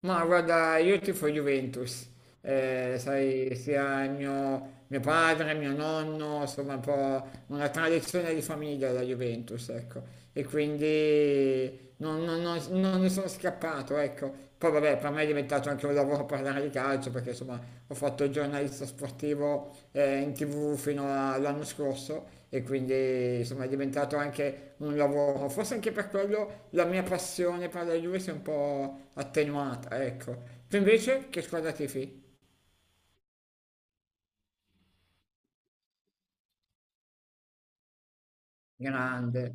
Ma guarda, io tifo Juventus, sai, sia il mio padre, mio nonno, insomma, un po' una tradizione di famiglia la Juventus, ecco, e quindi non ne sono scappato, ecco. Poi vabbè, per me è diventato anche un lavoro a parlare di calcio perché insomma ho fatto il giornalista sportivo in TV fino all'anno scorso e quindi insomma è diventato anche un lavoro, forse anche per quello la mia passione per la Juve si è un po' attenuata, ecco. Tu invece che squadra tifi? Grande.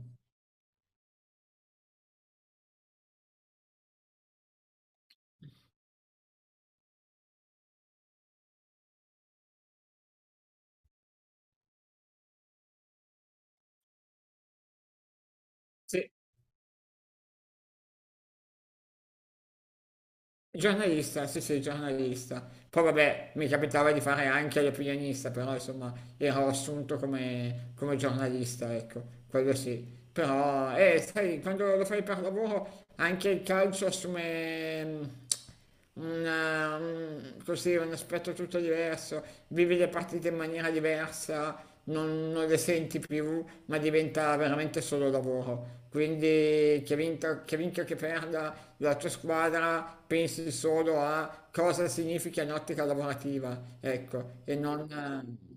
Sì. Giornalista, sì sì, giornalista. Poi vabbè, mi capitava di fare anche l'opinionista, però insomma ero assunto come, come giornalista, ecco, quello sì. Però, sai, quando lo fai per lavoro anche il calcio assume, un aspetto tutto diverso, vivi le partite in maniera diversa, non le senti più, ma diventa veramente solo lavoro. Quindi che vinca o che perda la tua squadra, pensi solo a cosa significa in ottica lavorativa, ecco, e non. eh,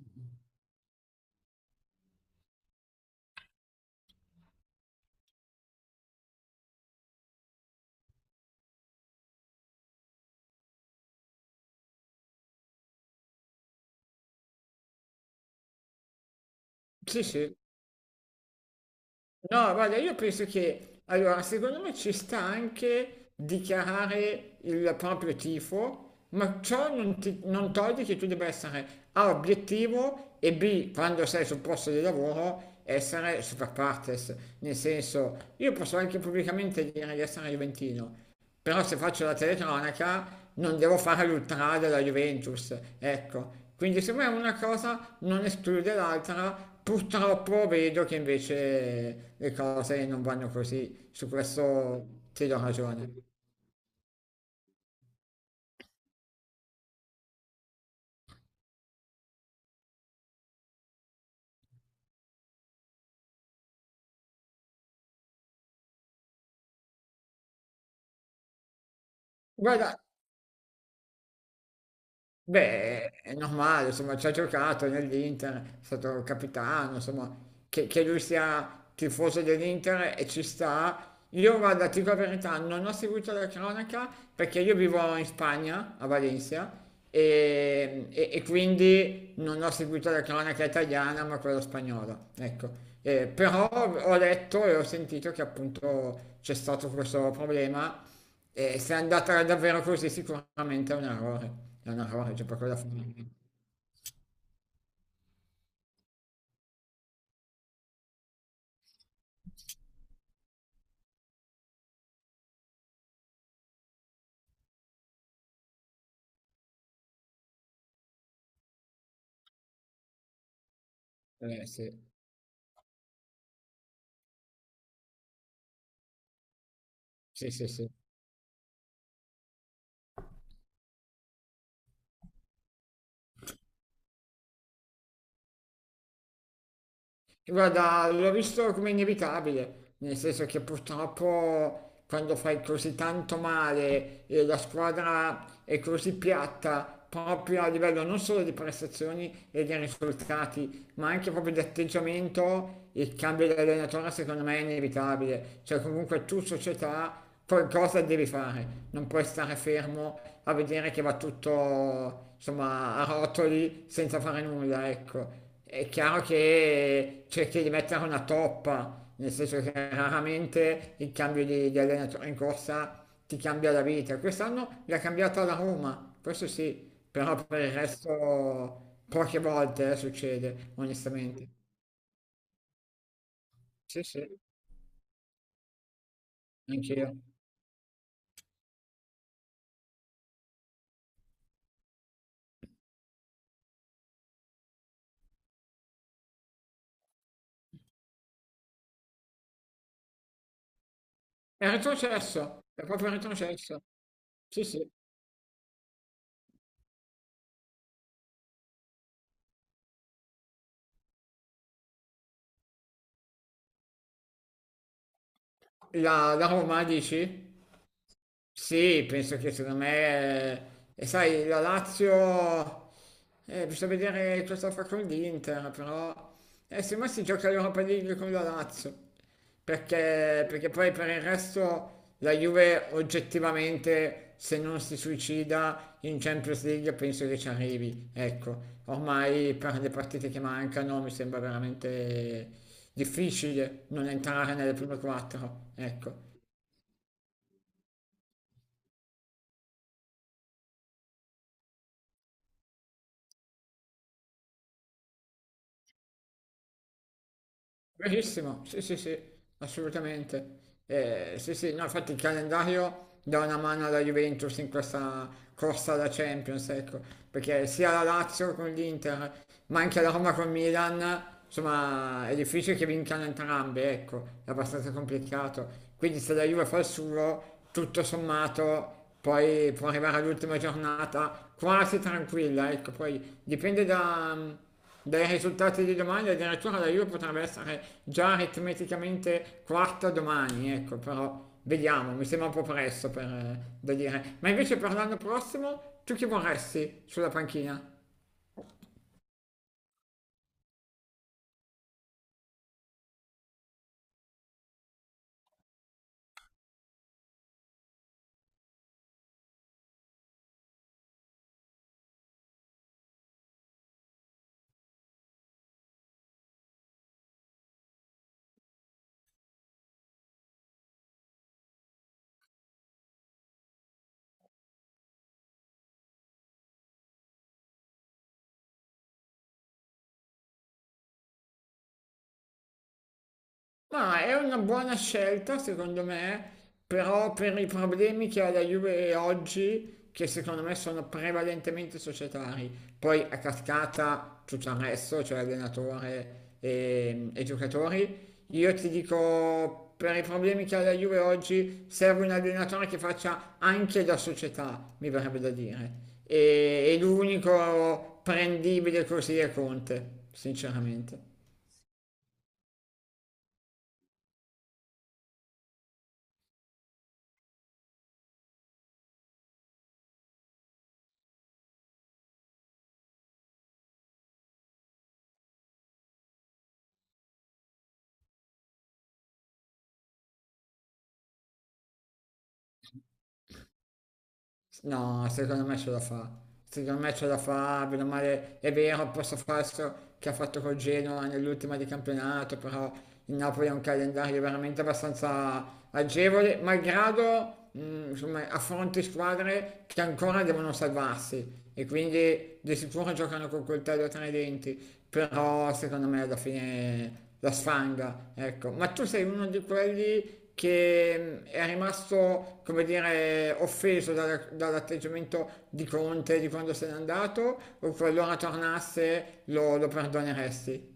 Sì, sì. No, guarda, io penso che, allora, secondo me ci sta anche dichiarare il proprio tifo, ma ciò non toglie che tu debba essere A, obiettivo e B, quando sei sul posto di lavoro, essere super partes. Nel senso, io posso anche pubblicamente dire di essere juventino, però se faccio la telecronaca non devo fare l'ultra della Juventus, ecco. Quindi secondo me una cosa non esclude l'altra, purtroppo vedo che invece le cose non vanno così, su questo ti do ragione. Guarda. Beh, è normale, insomma, ci ha giocato nell'Inter, è stato capitano, insomma, che lui sia tifoso dell'Inter e ci sta. Io, guarda, ti dico la verità, non ho seguito la cronaca perché io vivo in Spagna, a Valencia, e, e quindi non ho seguito la cronaca italiana, ma quella spagnola, ecco. Però ho letto e ho sentito che appunto c'è stato questo problema e se è andata davvero così sicuramente è un errore, c'è poco da fare. Sì, sì, sì, sì. Guarda, l'ho visto come inevitabile, nel senso che purtroppo quando fai così tanto male e la squadra è così piatta, proprio a livello non solo di prestazioni e di risultati, ma anche proprio di atteggiamento, il cambio di allenatore secondo me è inevitabile. Cioè comunque tu società qualcosa devi fare, non puoi stare fermo a vedere che va tutto insomma a rotoli senza fare nulla, ecco. È chiaro che cerchi di mettere una toppa, nel senso che raramente il cambio di allenatore in corsa ti cambia la vita. Quest'anno l'ha cambiata la Roma, questo sì, però per il resto poche volte succede, onestamente. Sì, sì, anch'io. È retrocesso, è proprio retrocesso. Sì, sì. La, la Roma, dici? Sì, penso che secondo me, e sai, la Lazio, bisogna vedere cosa fa con l'Inter, però secondo me si gioca l'Europa League con la Lazio, perché poi per il resto la Juve oggettivamente, se non si suicida in Champions League, penso che ci arrivi. Ecco, ormai per le partite che mancano mi sembra veramente difficile non entrare nelle prime quattro, ecco. Verissimo, sì, sì, sì, assolutamente. Sì, sì, no, infatti il calendario dà una mano alla Juventus in questa corsa alla Champions, ecco, perché sia la Lazio con l'Inter, ma anche la Roma con Milan, insomma, è difficile che vincano entrambe, ecco, è abbastanza complicato. Quindi se la Juve fa il suo, tutto sommato, poi può arrivare all'ultima giornata quasi tranquilla, ecco, poi dipende da dai risultati di domani, addirittura la Juve potrebbe essere già aritmeticamente quarta domani, ecco, però vediamo, mi sembra un po' presto per, da dire. Ma invece per l'anno prossimo, tu chi vorresti sulla panchina? Ma è una buona scelta secondo me, però per i problemi che ha la Juve oggi, che secondo me sono prevalentemente societari, poi a cascata tutto il resto, cioè allenatore e giocatori, io ti dico per i problemi che ha la Juve oggi serve un allenatore che faccia anche da società, mi verrebbe da dire. E l'unico prendibile così è Conte, sinceramente. No, secondo me ce la fa. Secondo me ce la fa, bene o male, è vero, il passo falso che ha fatto col Genoa nell'ultima di campionato, però il Napoli ha un calendario veramente abbastanza agevole, malgrado, insomma, affronti squadre che ancora devono salvarsi e quindi di sicuro giocano con coltello tra i denti, però secondo me alla fine la sfanga, ecco. Ma tu sei uno di quelli che è rimasto, come dire, offeso dall'atteggiamento di Conte di quando se n'è andato, o qualora tornasse lo perdoneresti?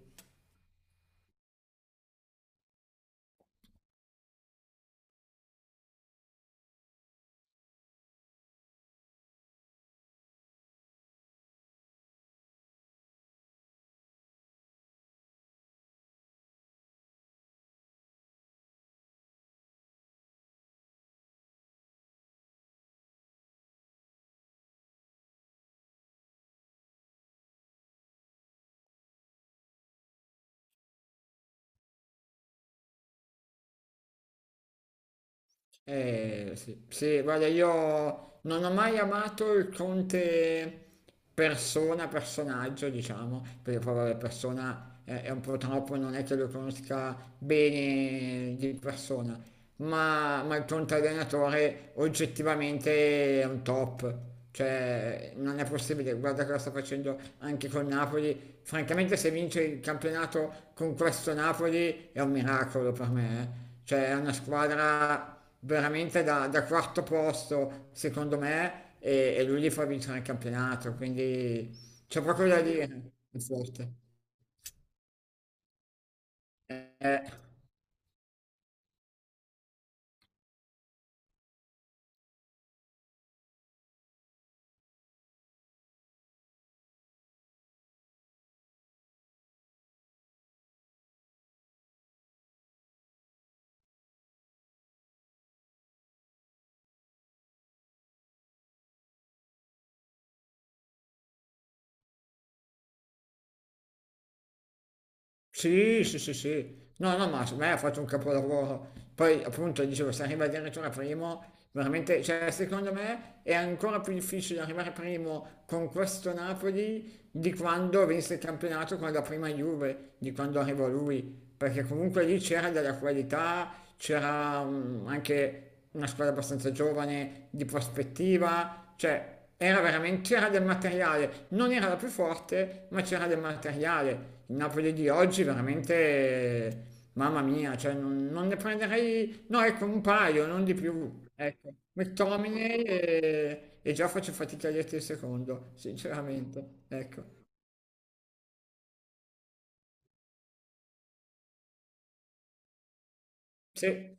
Sì, sì, guarda, io non ho mai amato il Conte persona, personaggio, diciamo, perché poi vabbè, persona è un po' troppo, non è che lo conosca bene di persona, ma il Conte allenatore oggettivamente è un top, cioè non è possibile, guarda cosa sta facendo anche con Napoli, francamente se vince il campionato con questo Napoli è un miracolo per me, eh. Cioè è una squadra veramente da quarto posto, secondo me, e lui gli fa vincere il campionato, quindi c'è proprio da dire, è forte. Eh. Sì, sì, sì, sì. No, no, ma secondo me ha fatto un capolavoro. Poi, appunto, dicevo, se arriva addirittura primo, veramente, cioè, secondo me è ancora più difficile arrivare primo con questo Napoli di quando vinse il campionato con la prima Juve, di quando arrivò lui, perché comunque lì c'era della qualità, c'era anche una squadra abbastanza giovane, di prospettiva, cioè, era veramente, c'era del materiale, non era la più forte, ma c'era del materiale. Il Napoli di oggi veramente, mamma mia, cioè non ne prenderei, no ecco un paio, non di più. Ecco, McTominay e già faccio fatica a dirti il secondo, sinceramente. Ecco, sì.